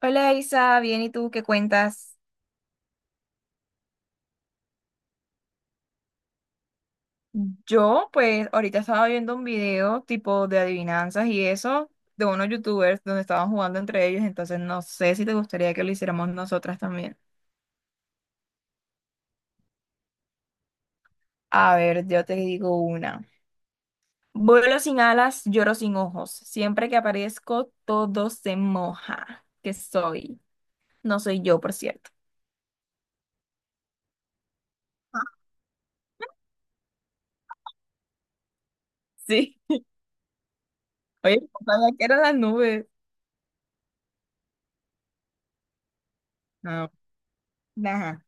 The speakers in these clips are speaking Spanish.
Hola Isa, bien, ¿y tú qué cuentas? Yo, pues, ahorita estaba viendo un video tipo de adivinanzas y eso de unos youtubers donde estaban jugando entre ellos, entonces no sé si te gustaría que lo hiciéramos nosotras también. A ver, yo te digo una. Vuelo sin alas, lloro sin ojos. Siempre que aparezco, todo se moja. ¿Qué soy? No soy yo, por cierto. Sí. Oye, ojalá que eran las nubes. No. Ajá.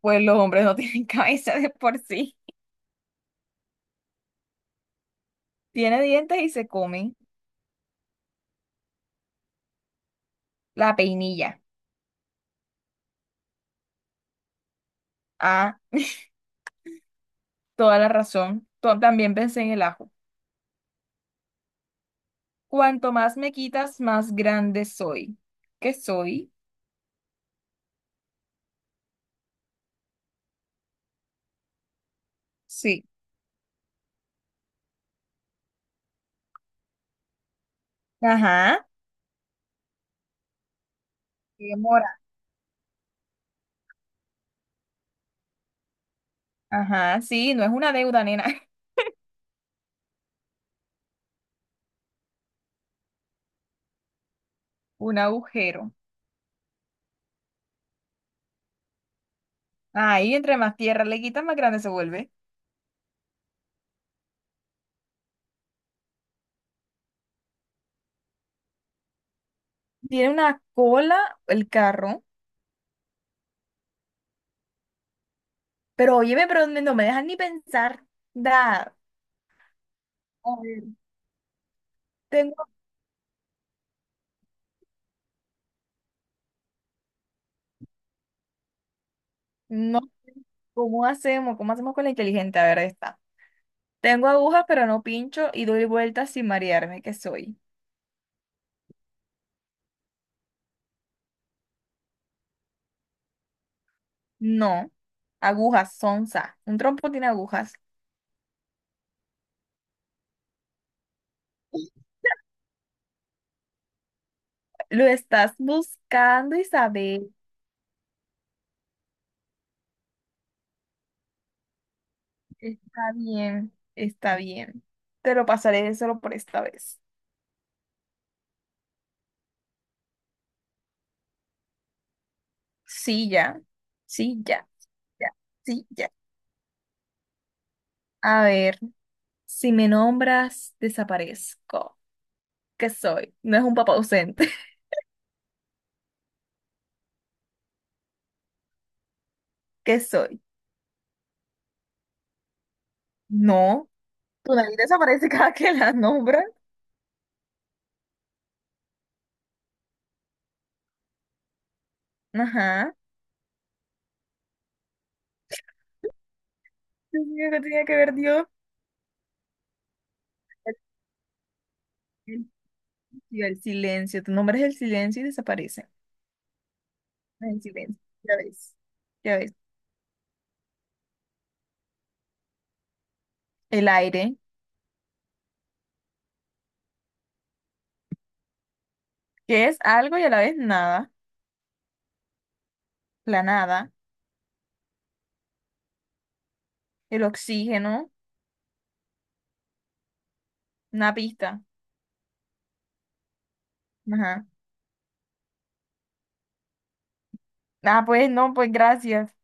Pues los hombres no tienen cabeza de por sí. Tiene dientes y se come la peinilla. Ah, toda la razón. También pensé en el ajo. Cuanto más me quitas, más grande soy. ¿Qué soy? Sí. Ajá. Demora. Ajá, sí, no es una deuda, nena. Un agujero. Ahí, entre más tierra le quitas, más grande se vuelve. Tiene una cola el carro. Pero óyeme, pero no me dejan ni pensar. Da. A ver, tengo. No, ¿cómo hacemos? ¿Cómo hacemos con la inteligente? A ver, está. Tengo agujas, pero no pincho y doy vueltas sin marearme, ¿qué soy? No. Agujas, sonza. Un trompo tiene agujas. Lo estás buscando, Isabel. Está bien, está bien. Te lo pasaré solo por esta vez. Sí, ya. Sí, ya. Ya. Sí, ya. A ver, si me nombras, desaparezco. ¿Qué soy? No es un papá ausente. ¿Qué soy? No. ¿Tu nariz desaparece cada que la nombras? Ajá. Dios mío, ¿qué tenía que ver Dios? El, sí, el silencio, tú nombras el silencio y desaparece. Ah, el silencio, ya ves, ya ves. El aire, que es algo y a la vez nada, la nada. El oxígeno, una pista. Ajá. Ah, pues no, pues gracias.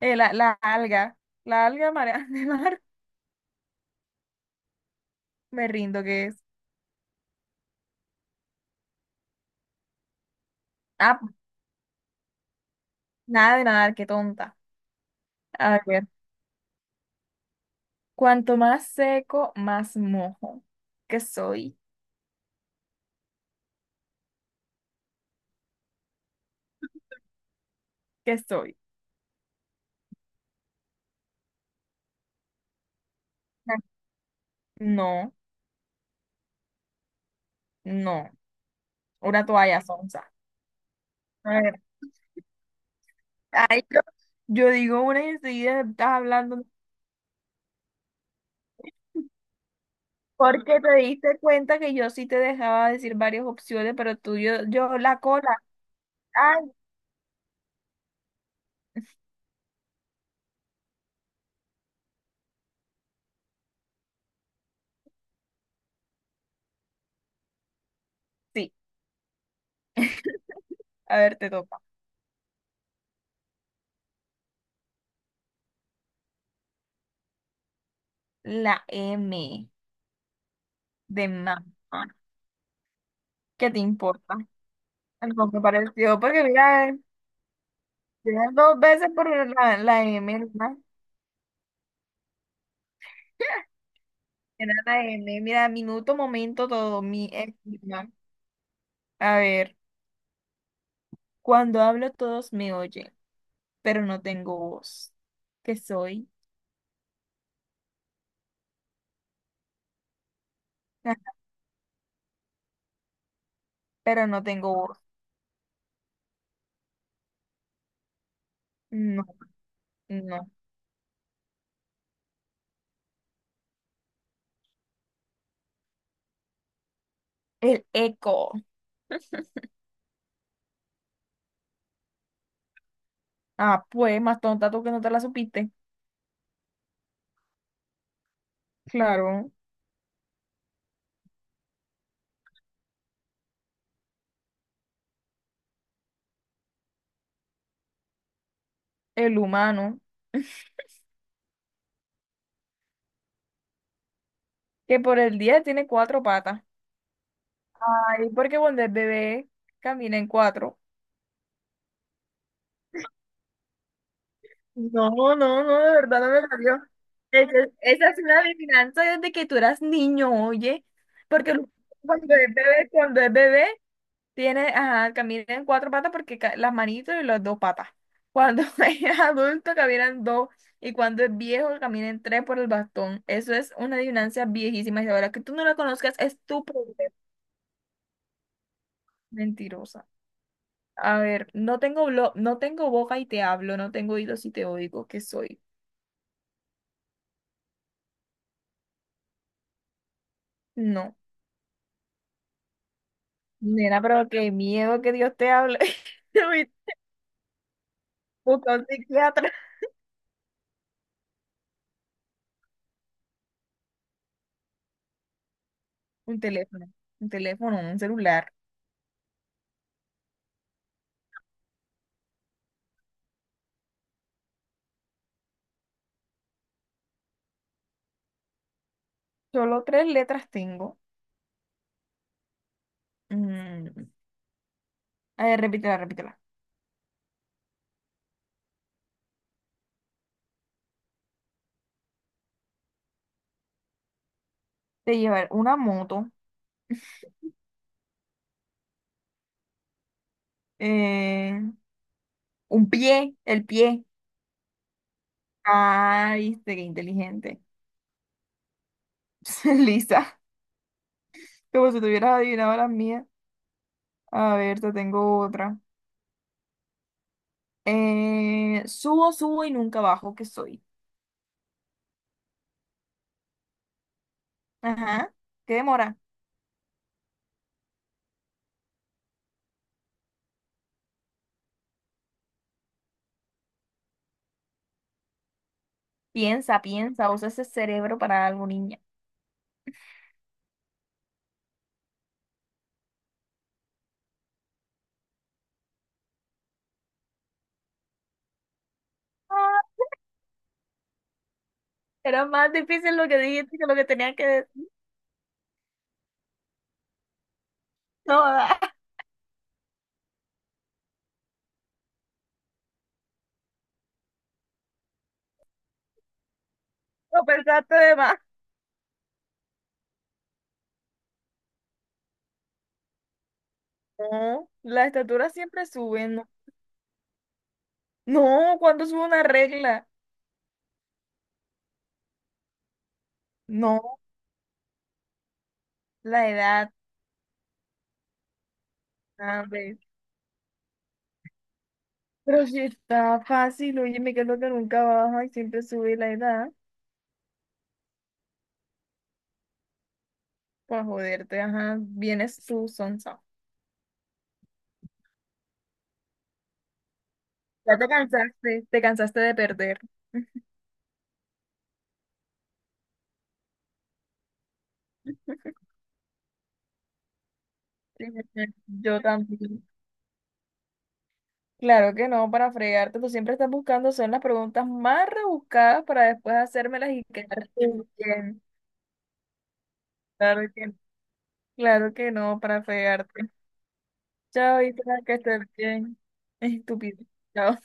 Eh, la, la alga, la alga marea de mar, me rindo, ¿que es? Ah, nada de nadar, qué tonta. A ver, cuanto más seco, más mojo. ¿Qué soy? ¿Qué soy? Ah, no, no. Una toalla sonsa. Ay, yo digo una y enseguida estás hablando. Porque te diste cuenta que yo sí te dejaba decir varias opciones, pero tú, yo la cola. Ay, sí. A ver, te toca. La M de mamá. ¿Qué te importa? Algo que pareció, porque mira, mira, dos veces por la M, ¿verdad? Era la M. Mira, minuto, momento, todo. Mi ex, ¿verdad? A ver, cuando hablo todos me oyen, pero no tengo voz. ¿Qué soy? Pero no tengo voz. No, no. El eco. Ah, pues, más tonta tú que no te la supiste. Claro, el humano, que por el día tiene cuatro patas. Ay, porque cuando es bebé camina en cuatro. No, no, no, de verdad no me salió. Esa es una adivinanza desde que tú eras niño, oye. Porque cuando es bebé, tiene, ajá, camina en cuatro patas porque las manitos y las dos patas. Cuando es adulto caminan dos y cuando es viejo camina en tres por el bastón. Eso es una adivinanza viejísima y ahora que tú no la conozcas es tu problema. Mentirosa. A ver, no tengo boca y te hablo, no tengo oídos y te oigo, ¿qué soy? No. Nena, pero qué miedo que Dios te hable. Uy, busca un psiquiatra. Un teléfono, un teléfono, un celular. Solo tres letras tengo. Mm, a ver, repítela, repítela. De llevar una moto, eh, un pie, el pie. Ah, viste, qué inteligente. Lisa, como si tuvieras adivinado las mías. A ver, te tengo otra. Subo, subo y nunca bajo, ¿que soy? Ajá, ¿qué demora? Piensa, piensa, usa ese cerebro para algo, niña. Ah, era más difícil lo que dijiste que lo que tenía que decir. No, ah, lo pensaste de más. No, la estatura siempre sube, ¿no? No, ¿cuándo sube una regla? No, la edad, hombre. Pero si está fácil, óyeme, que es lo que nunca baja y siempre sube la edad. Pues joderte, ajá, vienes tú, sonsa. Ya te cansaste de perder. Yo también. Claro que no, para fregarte, tú siempre estás buscando, son las preguntas más rebuscadas para después hacérmelas y quedarte bien. Claro que, claro que no, para fregarte. Chao, y que estés bien. Estúpido. Chao.